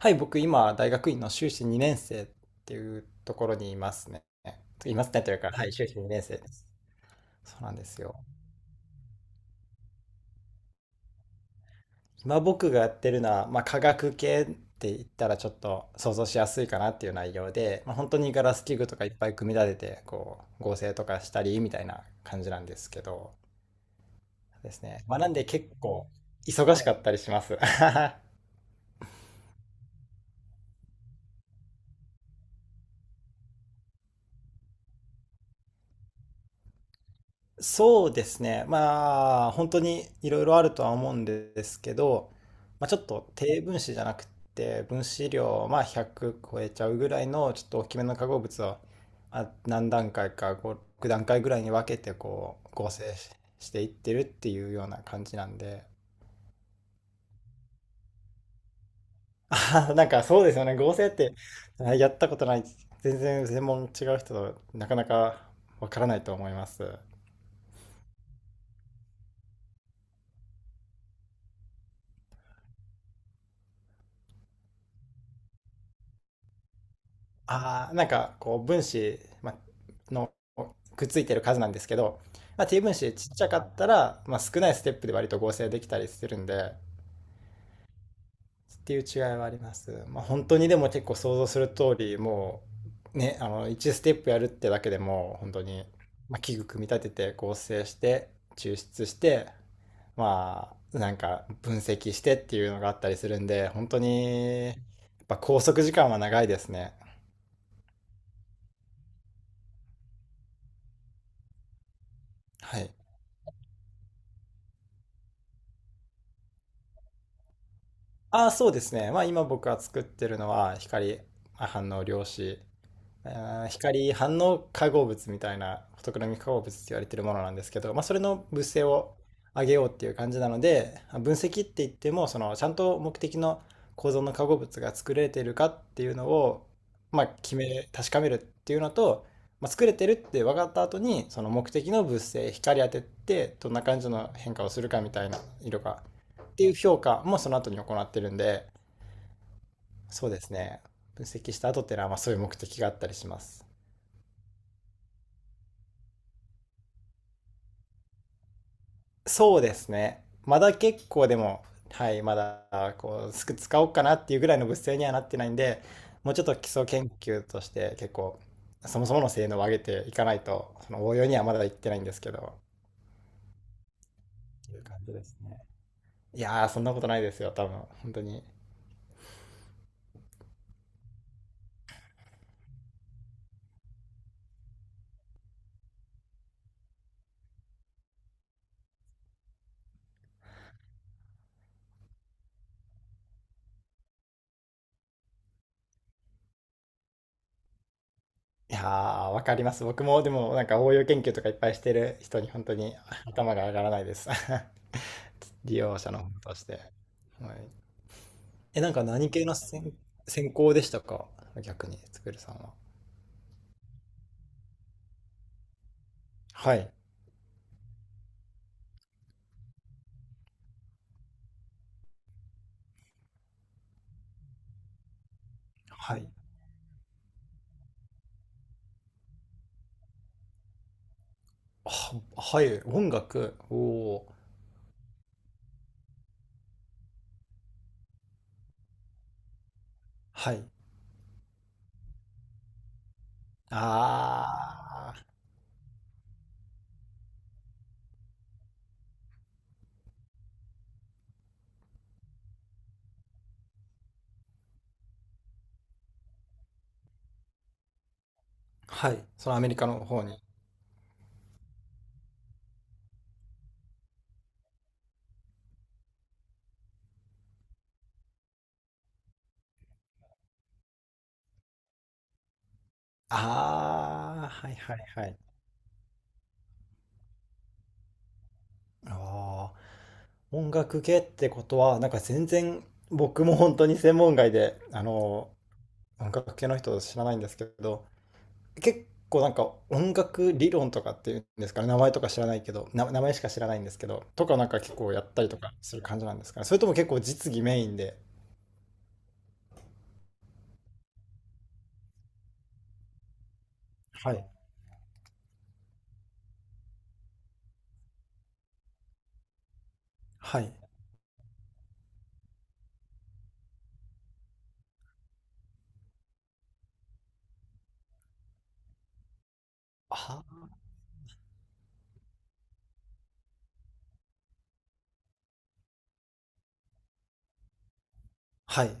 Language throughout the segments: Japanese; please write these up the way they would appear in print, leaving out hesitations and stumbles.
はい、僕今、大学院の修士2年生っていうところにいますね。いますねというか、はい、修士2年生です。そうなんですよ。今僕がやってるのは、まあ、化学系って言ったらちょっと想像しやすいかなっていう内容で、まあ、本当にガラス器具とかいっぱい組み立てて、こう、合成とかしたりみたいな感じなんですけど、ですね。まあ、なんで結構忙しかったりします。そうですね。まあ、本当にいろいろあるとは思うんですけど、まあ、ちょっと低分子じゃなくて、分子量、まあ、100超えちゃうぐらいの、ちょっと大きめの化合物は、まあ、何段階か、6段階ぐらいに分けて、こう、合成していってるっていうような感じなんで、あーなんかそうですよね。合成って、あやったことない、全然専門違う人となかなかわからないと思います。ああ、なんかこう分子、ま、のくっついてる数なんですけど、まあ、T 分子ちっちゃかったら、まあ、少ないステップで割と合成できたりするんで、っていう違いはあります。まあ、本当にでも結構想像する通り、もうね、あの1ステップやるってだけでも本当に、まあ、器具組み立てて合成して抽出して、まあなんか分析してっていうのがあったりするんで、本当にやっぱ拘束時間は長いですね。はい。ああ、そうですね。まあ今僕が作ってるのは光反応量子あー光反応化合物みたいなフォトクロミック化合物って言われてるものなんですけど、まあ、それの物性を上げようっていう感じなので、まあ分析って言ってもそのちゃんと目的の構造の化合物が作れてるかっていうのを、まあ、確かめるっていうのと、まあ、作れてるって分かった後にその目的の物性光当ててどんな感じの変化をするかみたいな色がっていう評価もその後に行ってるんで、そうですね、分析した後っていうのはまあそういう目的があったりします。そうですね。まだ結構でも、はい、まだこうすく使おうかなっていうぐらいの物性にはなってないんで、もうちょっと基礎研究として結構、そもそもの性能を上げていかないと、その応用にはまだいってないんですけど、っていう感じですね。いやー、そんなことないですよ、多分、本当に。いやー、わかります。僕もでもなんか応用研究とかいっぱいしてる人に本当に頭が上がらないです。利用者の方として。はい。え、なんか何系の専、専攻でしたか、逆に、つくるさんは。はい。はい。は、はい。音楽。おお。はい。ああ。はい。そのアメリカの方に。ああ。はいはいはい。ああ。音楽系ってことは、なんか全然、僕も本当に専門外で、あの、音楽系の人知らないんですけど、結構なんか音楽理論とかっていうんですかね、名前とか知らないけど、名前しか知らないんですけど、とかなんか結構やったりとかする感じなんですかね。それとも結構実技メインで。はい。はい。あ、はい。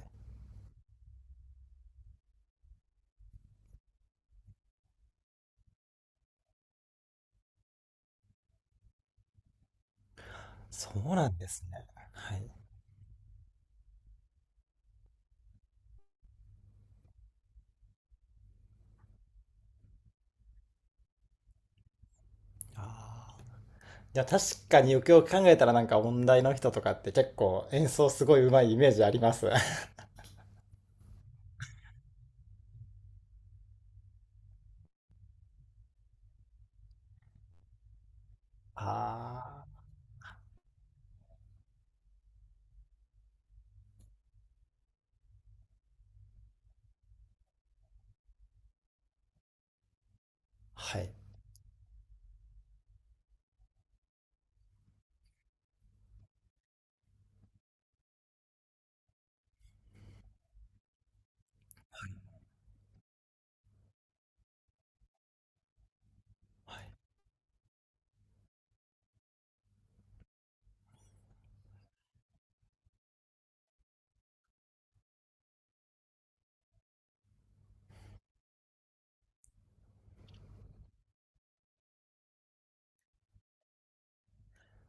そうなんですね。はい。あー、いや、確かによくよく考えたらなんか音大の人とかって結構演奏すごいうまいイメージあります。ああ、はい。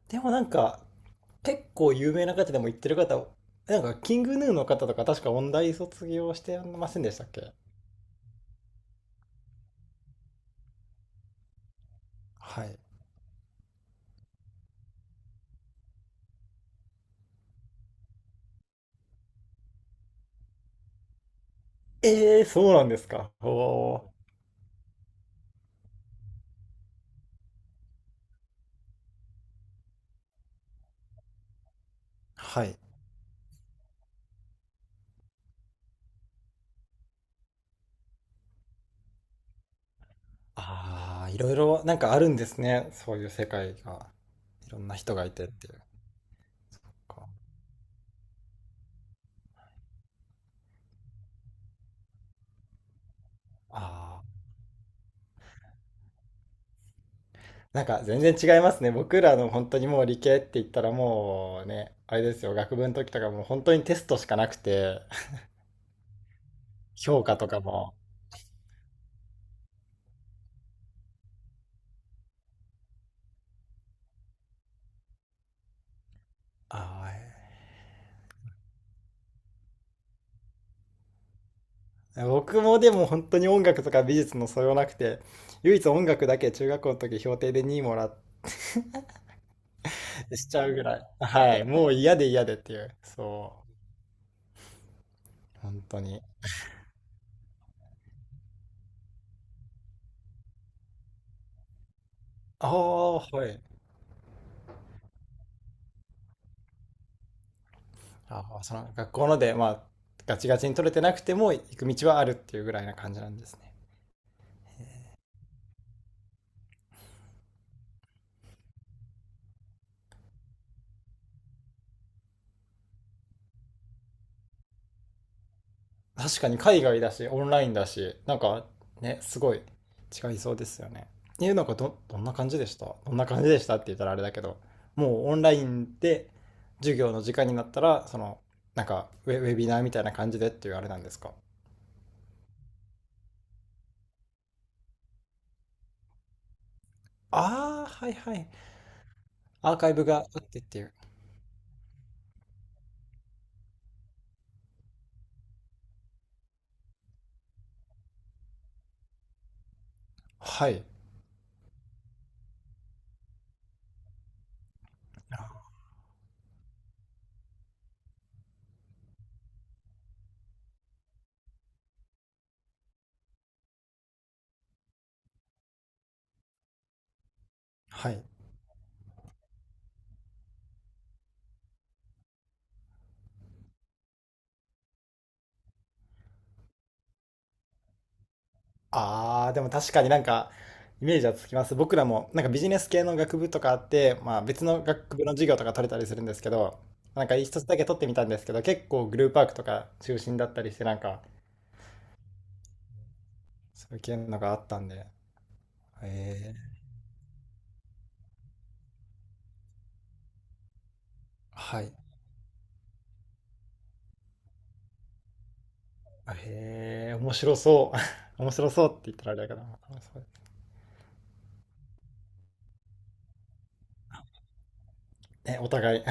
でもなんか、結構有名な方でも言ってる方、なんか、キングヌーの方とか確か音大卒業してませんでしたっけ。はい。ええ、そうなんですか。おお。はい。ああ、いろいろなんかあるんですね。そういう世界が。いろんな人がいてっていう。そっか。ああ。なんか全然違いますね。僕らの本当にもう理系って言ったらもうね、あれですよ、学部の時とかもう本当にテストしかなくて、評価とかも。ああ、えー僕もでも本当に音楽とか美術の素養なくて、唯一音楽だけ中学校の時評定で2位もらっしちゃうぐらい。はい。もう嫌で嫌でっていう。そう。本当に。ああ、はい。ああ、その学校ので、まあ、ガチガチに取れてなくても行く道はあるっていうぐらいな感じなんですね。確かに海外だし、オンラインだし、なんかね、すごい違いそうですよね。え、なんかどんな感じでしたどんな感じでしたって言ったらあれだけど、もうオンラインで授業の時間になったら、その、なんかウェビナーみたいな感じでっていうあれなんですか。ああー、はいはい。アーカイブがあってっていう。はい。はい。ああ、でも確かになんか、イメージはつきます。僕らも、なんかビジネス系の学部とかあって、まあ別の学部の授業とか取れたりするんですけど、なんか一つだけ取ってみたんですけど、結構グループワークとか中心だったりして、なんか、そういう系のがあったんで、へえ、はい。へえ、面白そう。面白そうって言ったらあれだけど、面白そうね、お互い。